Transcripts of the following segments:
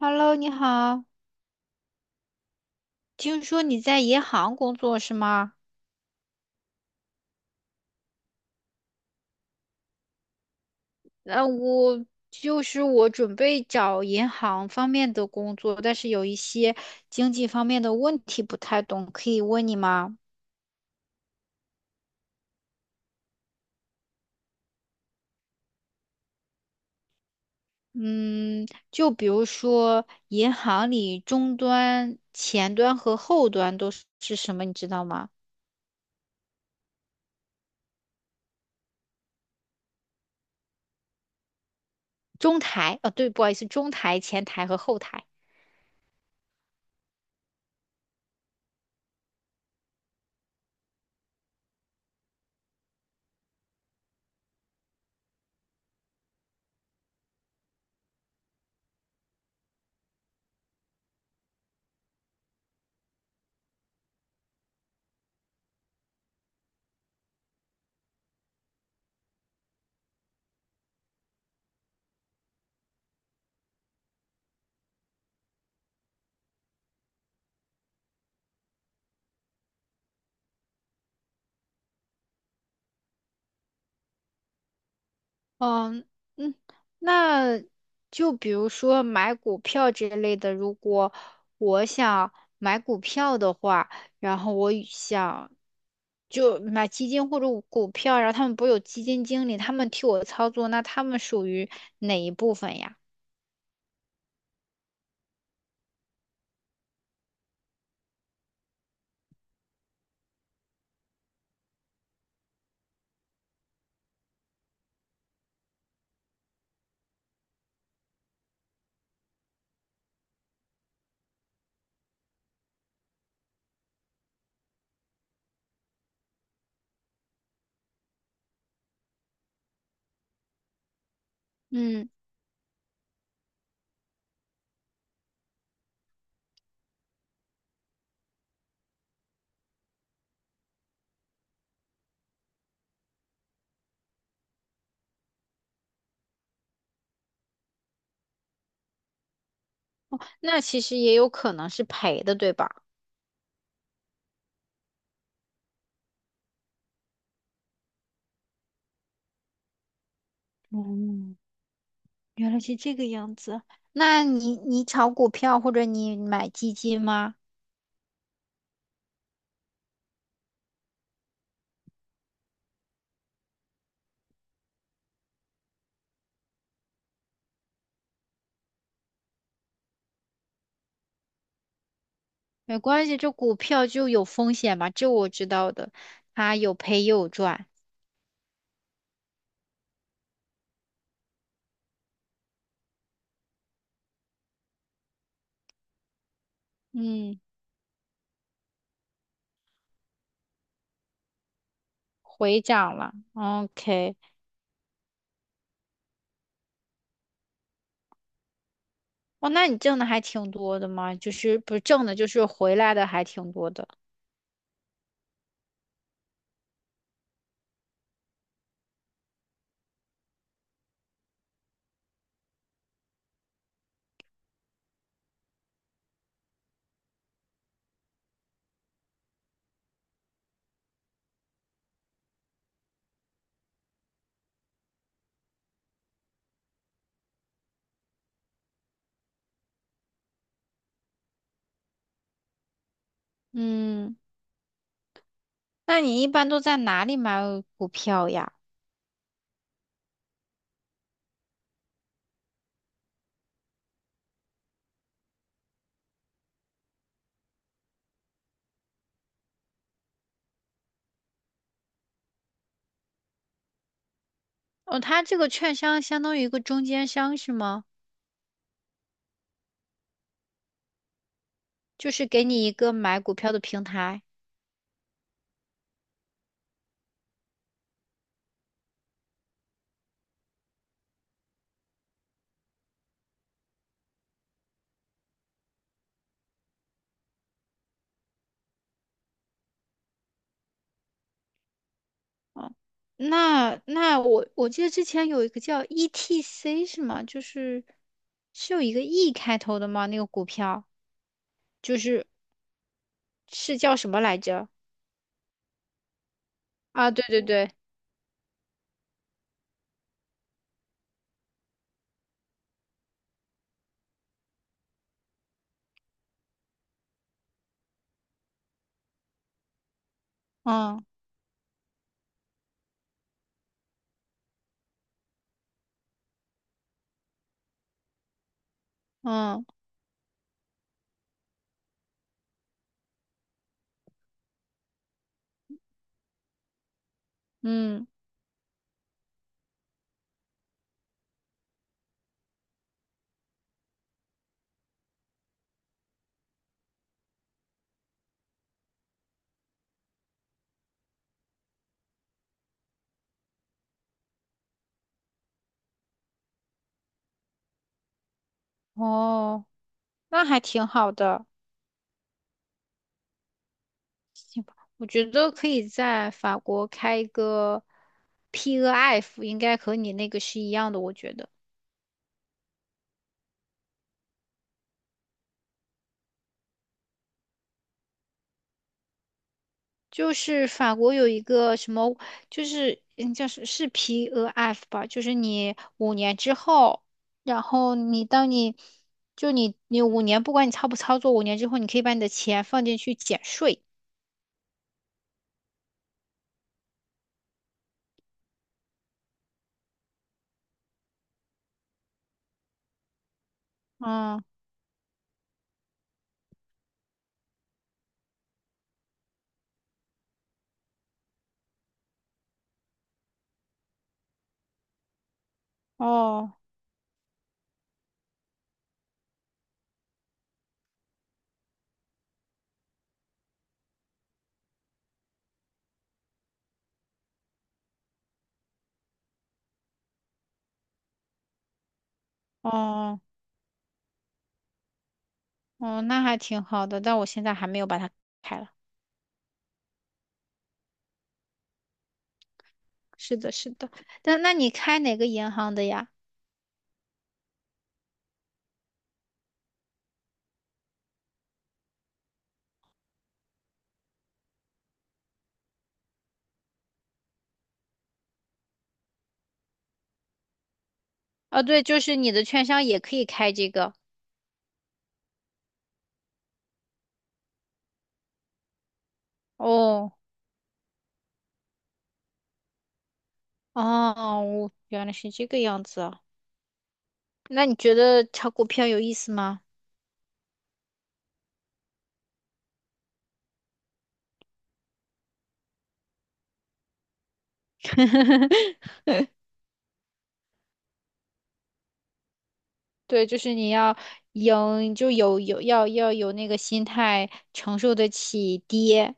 Hello，你好，听说你在银行工作是吗？那我就是我准备找银行方面的工作，但是有一些经济方面的问题不太懂，可以问你吗？嗯，就比如说银行里终端、前端和后端都是什么，你知道吗？中台，哦，对，不好意思，中台、前台和后台。嗯嗯，那就比如说买股票这类的，如果我想买股票的话，然后我想就买基金或者股票，然后他们不是有基金经理，他们替我操作，那他们属于哪一部分呀？嗯，那其实也有可能是赔的，对吧？嗯，原来是这个样子。那你炒股票或者你买基金吗？没关系，这股票就有风险嘛，这我知道的，它有赔也有赚。嗯，回涨了哦，OK。哦，那你挣的还挺多的嘛，就是不是挣的，就是回来的还挺多的。嗯，那你一般都在哪里买股票呀？哦，它这个券商相当于一个中间商是吗？就是给你一个买股票的平台。哦，那那我记得之前有一个叫 ETC 是吗？就是是有一个 E 开头的吗？那个股票就是叫什么来着？啊，对对对，嗯嗯嗯，哦，那还挺好的，行吧？我觉得可以在法国开一个 p o f 应该和你那个是一样的，我觉得。就是法国有一个什么，就是嗯叫是 p 额 f 吧，就是你五年之后，然后你当你就你你五年，不管你操不操作，五年之后你可以把你的钱放进去减税。嗯，哦哦哦，那还挺好的，但我现在还没有把它开了。是的，是的，但那你开哪个银行的呀？啊，对，就是你的券商也可以开这个。哦哦，我原来是这个样子啊。那你觉得炒股票有意思吗？对，就是你要赢，就有有要要有那个心态，承受得起跌，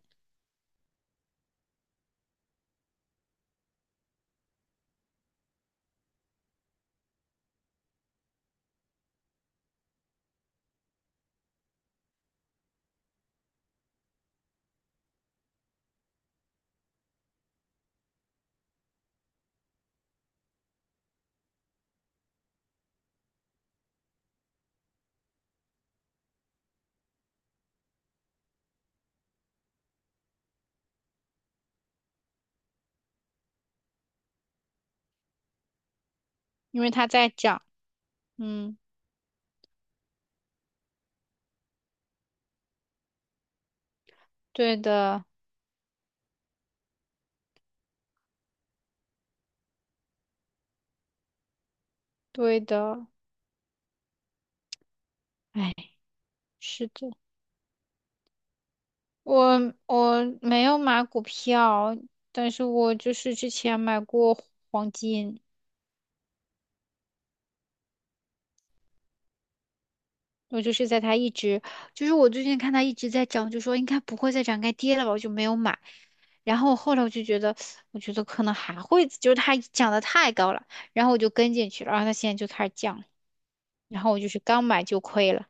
因为它在涨。嗯，对的，对的。哎，是的，我我没有买股票，但是我就是之前买过黄金。我就是在它一直，就是我最近看它一直在涨，就说应该不会再涨，该跌了吧，我就没有买。然后我后来我就觉得，我觉得可能还会，就是它涨得太高了，然后我就跟进去了，然后它现在就开始降，然后我就是刚买就亏了。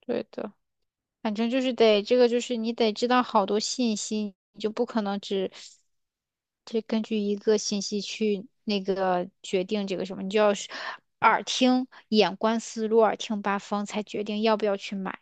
对的，反正就是得这个，就是你得知道好多信息，你就不可能只根据一个信息去那个决定这个什么，你就要是耳听眼观四路，耳听八方，才决定要不要去买。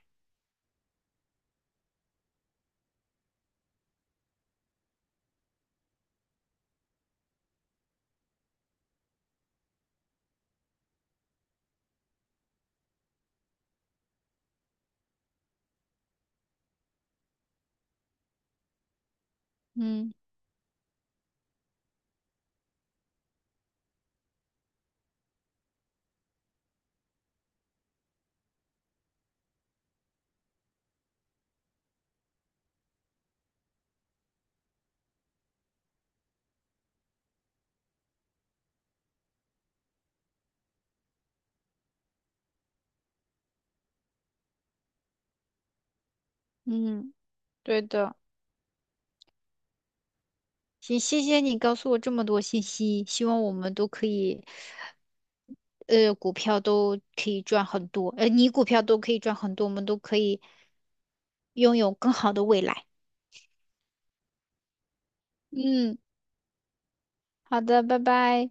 嗯。嗯，对的。行，谢谢你告诉我这么多信息，希望我们都可以，股票都可以赚很多，你股票都可以赚很多，我们都可以拥有更好的未来。嗯，好的，拜拜。